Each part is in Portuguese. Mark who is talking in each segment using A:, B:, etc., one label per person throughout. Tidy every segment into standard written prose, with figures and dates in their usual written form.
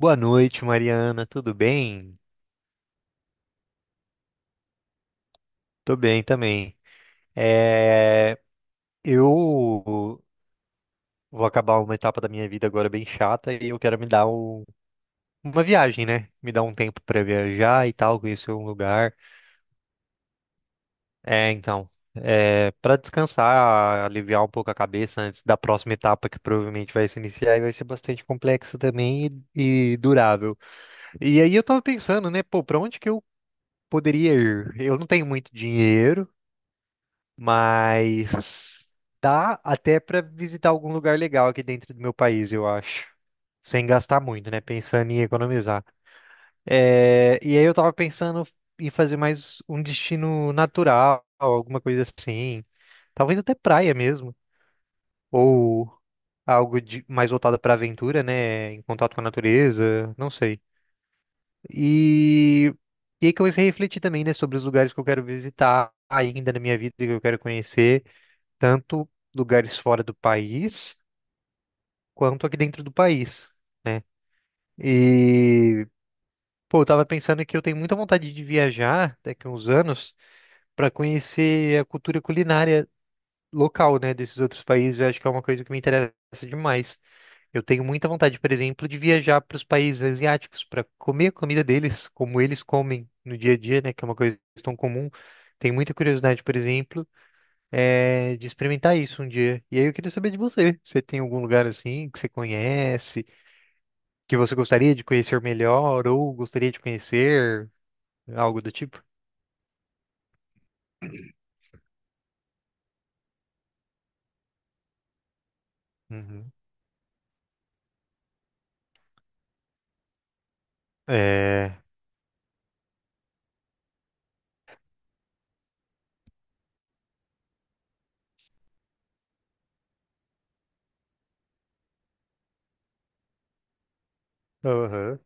A: Boa noite, Mariana. Tudo bem? Tô bem também. É, eu vou acabar uma etapa da minha vida agora bem chata e eu quero me dar uma viagem, né? Me dar um tempo pra viajar e tal, conhecer um lugar. É, então, Para descansar, aliviar um pouco a cabeça antes da próxima etapa que provavelmente vai se iniciar e vai ser bastante complexa também e durável. E aí eu tava pensando, né? Pô, pra onde que eu poderia ir? Eu não tenho muito dinheiro. Mas dá até para visitar algum lugar legal aqui dentro do meu país, eu acho. Sem gastar muito, né? Pensando em economizar. E aí eu tava pensando em fazer mais um destino natural, alguma coisa assim. Talvez até praia mesmo. Ou mais voltado para aventura, né? Em contato com a natureza, não sei. E, e aí comecei a refletir também, né, sobre os lugares que eu quero visitar ainda na minha vida, que eu quero conhecer. Tanto lugares fora do país quanto aqui dentro do país. E, Pô, eu tava pensando que eu tenho muita vontade de viajar daqui a uns anos para conhecer a cultura culinária local, né, desses outros países. Eu acho que é uma coisa que me interessa demais. Eu tenho muita vontade, por exemplo, de viajar para os países asiáticos para comer a comida deles, como eles comem no dia a dia, né, que é uma coisa tão comum. Tenho muita curiosidade, por exemplo de experimentar isso um dia. E aí eu queria saber de você. Você tem algum lugar assim que você conhece, que você gostaria de conhecer melhor ou gostaria de conhecer, algo do tipo? Uhum. É. Aham.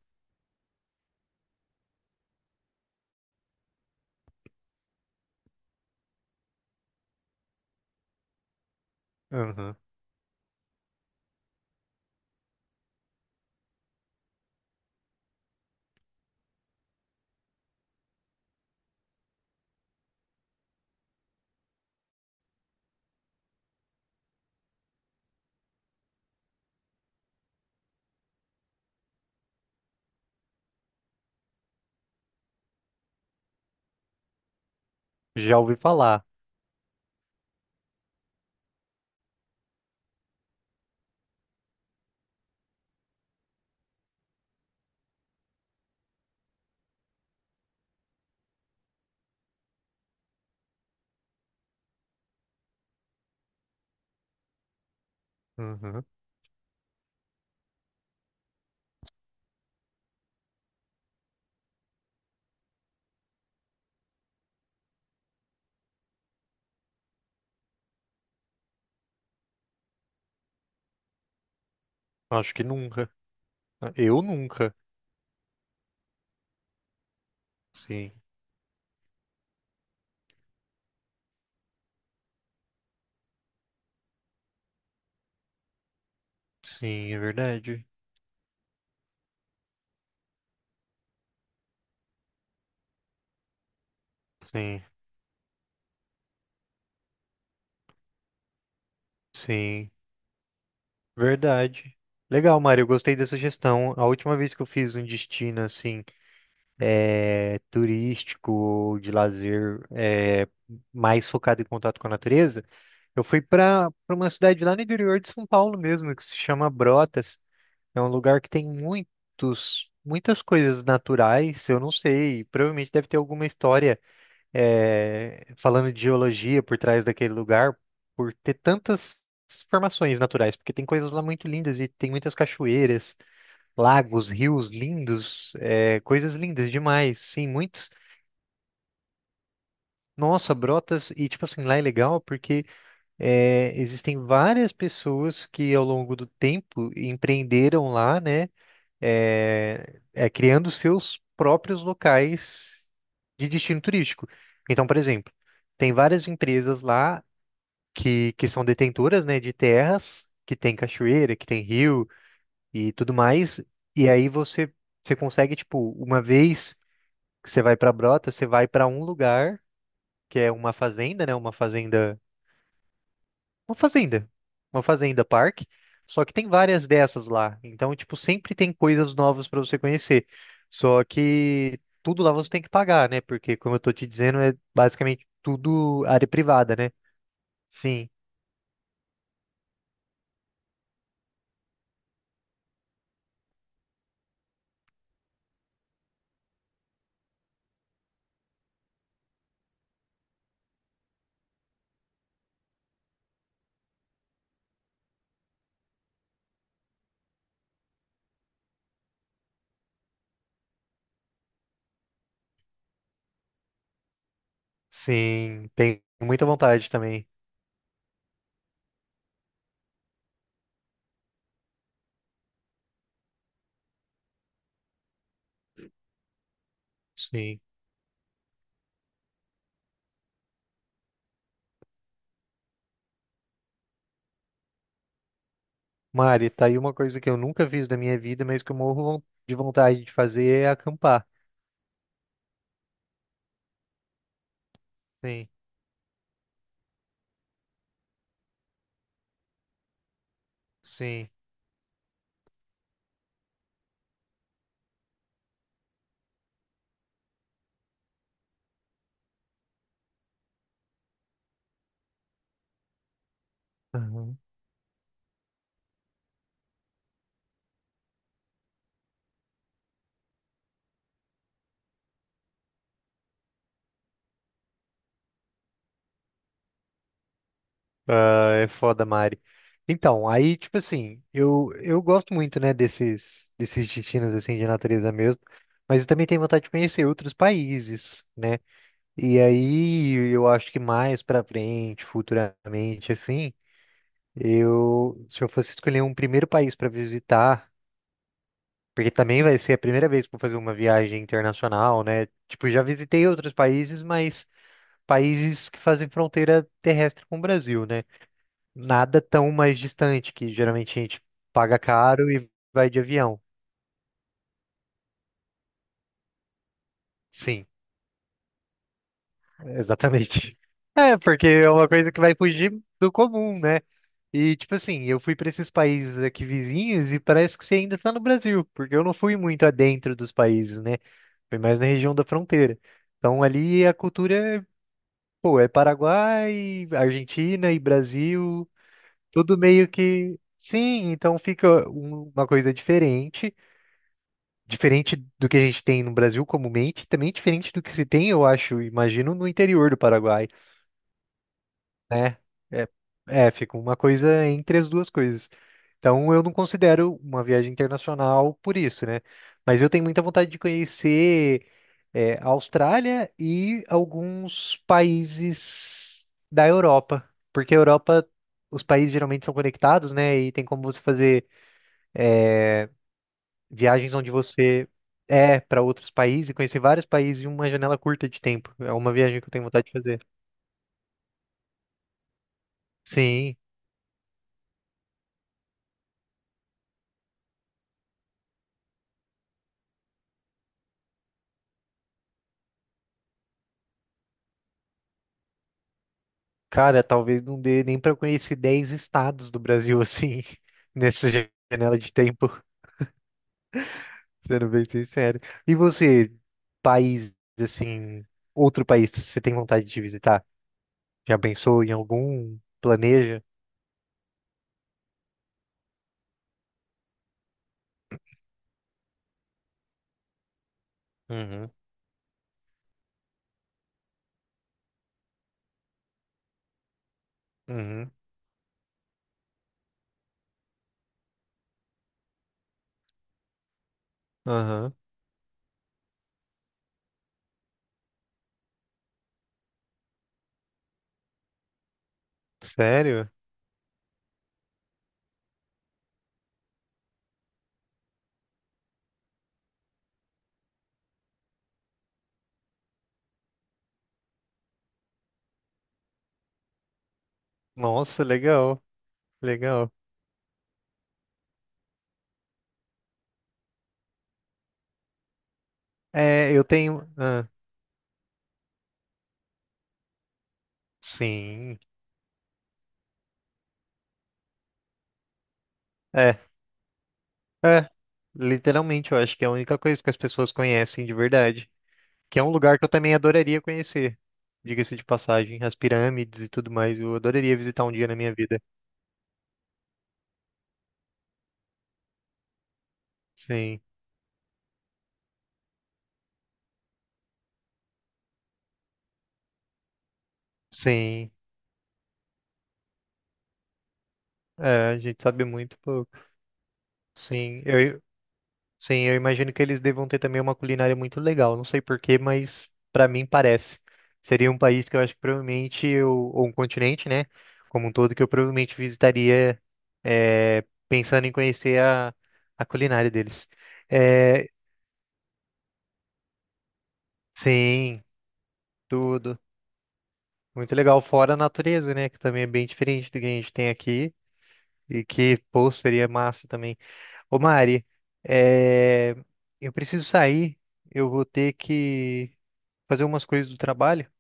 A: Aham. Já ouvi falar. Uhum. Acho que nunca. Eu nunca. Sim. Sim, é verdade. Sim. Sim. Verdade. Legal, Mário. Eu gostei dessa gestão. A última vez que eu fiz um destino assim turístico ou de lazer mais focado em contato com a natureza, eu fui para uma cidade lá no interior de São Paulo mesmo, que se chama Brotas. É um lugar que tem muitas coisas naturais. Eu não sei, provavelmente deve ter alguma história falando de geologia por trás daquele lugar, por ter tantas formações naturais, porque tem coisas lá muito lindas e tem muitas cachoeiras, lagos, rios lindos, coisas lindas demais. Sim, muito. Nossa, Brotas, e tipo assim, lá é legal porque existem várias pessoas que ao longo do tempo empreenderam lá, né? Criando seus próprios locais de destino turístico. Então, por exemplo, tem várias empresas lá que são detentoras, né, de terras, que tem cachoeira, que tem rio e tudo mais. E aí você, Você consegue, tipo, uma vez que você vai para Brotas, você vai para um lugar, que é uma fazenda, né? Uma fazenda, uma fazenda parque, só que tem várias dessas lá. Então, tipo, sempre tem coisas novas para você conhecer. Só que tudo lá você tem que pagar, né? Porque, como eu tô te dizendo, é basicamente tudo área privada, né? Sim, sim, tenho muita vontade também. Sim. Mari, tá aí uma coisa que eu nunca fiz da minha vida, mas que eu morro de vontade de fazer é acampar. Sim, sim. É foda, Mari. Então, aí, tipo assim, eu gosto muito, né, desses destinos, assim, de natureza mesmo, mas eu também tenho vontade de conhecer outros países, né? E aí, eu acho que mais pra frente, futuramente, assim, eu, se eu fosse escolher um primeiro país pra visitar, porque também vai ser a primeira vez que eu vou fazer uma viagem internacional, né? Tipo, já visitei outros países, mas países que fazem fronteira terrestre com o Brasil, né? Nada tão mais distante, que geralmente a gente paga caro e vai de avião. Sim, exatamente. É, porque é uma coisa que vai fugir do comum, né? E, tipo assim, eu fui para esses países aqui vizinhos e parece que você ainda está no Brasil, porque eu não fui muito adentro dos países, né? Foi mais na região da fronteira. Então, ali a cultura, pô, é Paraguai, Argentina e Brasil, tudo meio que. Sim, então fica uma coisa diferente. Diferente do que a gente tem no Brasil comumente, também diferente do que se tem, eu acho, imagino, no interior do Paraguai, né? É, Fica uma coisa entre as duas coisas. Então, eu não considero uma viagem internacional por isso, né? Mas eu tenho muita vontade de conhecer a Austrália e alguns países da Europa, porque a Europa, os países geralmente são conectados, né? E tem como você fazer viagens onde você para outros países e conhecer vários países em uma janela curta de tempo. É uma viagem que eu tenho vontade de fazer. Sim, cara, talvez não dê nem para conhecer 10 estados do Brasil assim, nessa janela de tempo, sendo bem sincero. E você, país assim, outro país que você tem vontade de visitar? Já pensou em algum? Planeja? Uhum, uhum, aham. Sério? Nossa, legal, legal. É, eu tenho. Ah, sim. É, é. Literalmente, eu acho que é a única coisa que as pessoas conhecem de verdade. Que é um lugar que eu também adoraria conhecer. Diga-se de passagem, as pirâmides e tudo mais, eu adoraria visitar um dia na minha vida. Sim, sim. É, a gente sabe muito pouco. Sim, eu, Sim, eu imagino que eles devam ter também uma culinária muito legal. Não sei porquê, mas para mim parece. Seria um país que eu acho que provavelmente eu, ou um continente, né? Como um todo, que eu provavelmente visitaria pensando em conhecer a culinária deles. É, sim, tudo. Muito legal. Fora a natureza, né? Que também é bem diferente do que a gente tem aqui. E que, pô, seria massa também. Ô Mari, é, eu preciso sair, eu vou ter que fazer umas coisas do trabalho.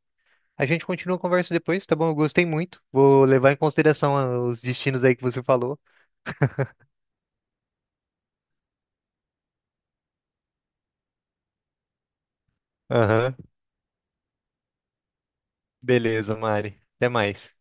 A: A gente continua a conversa depois, tá bom? Eu gostei muito. Vou levar em consideração os destinos aí que você falou. Aham, beleza, Mari. Até mais. Tchau.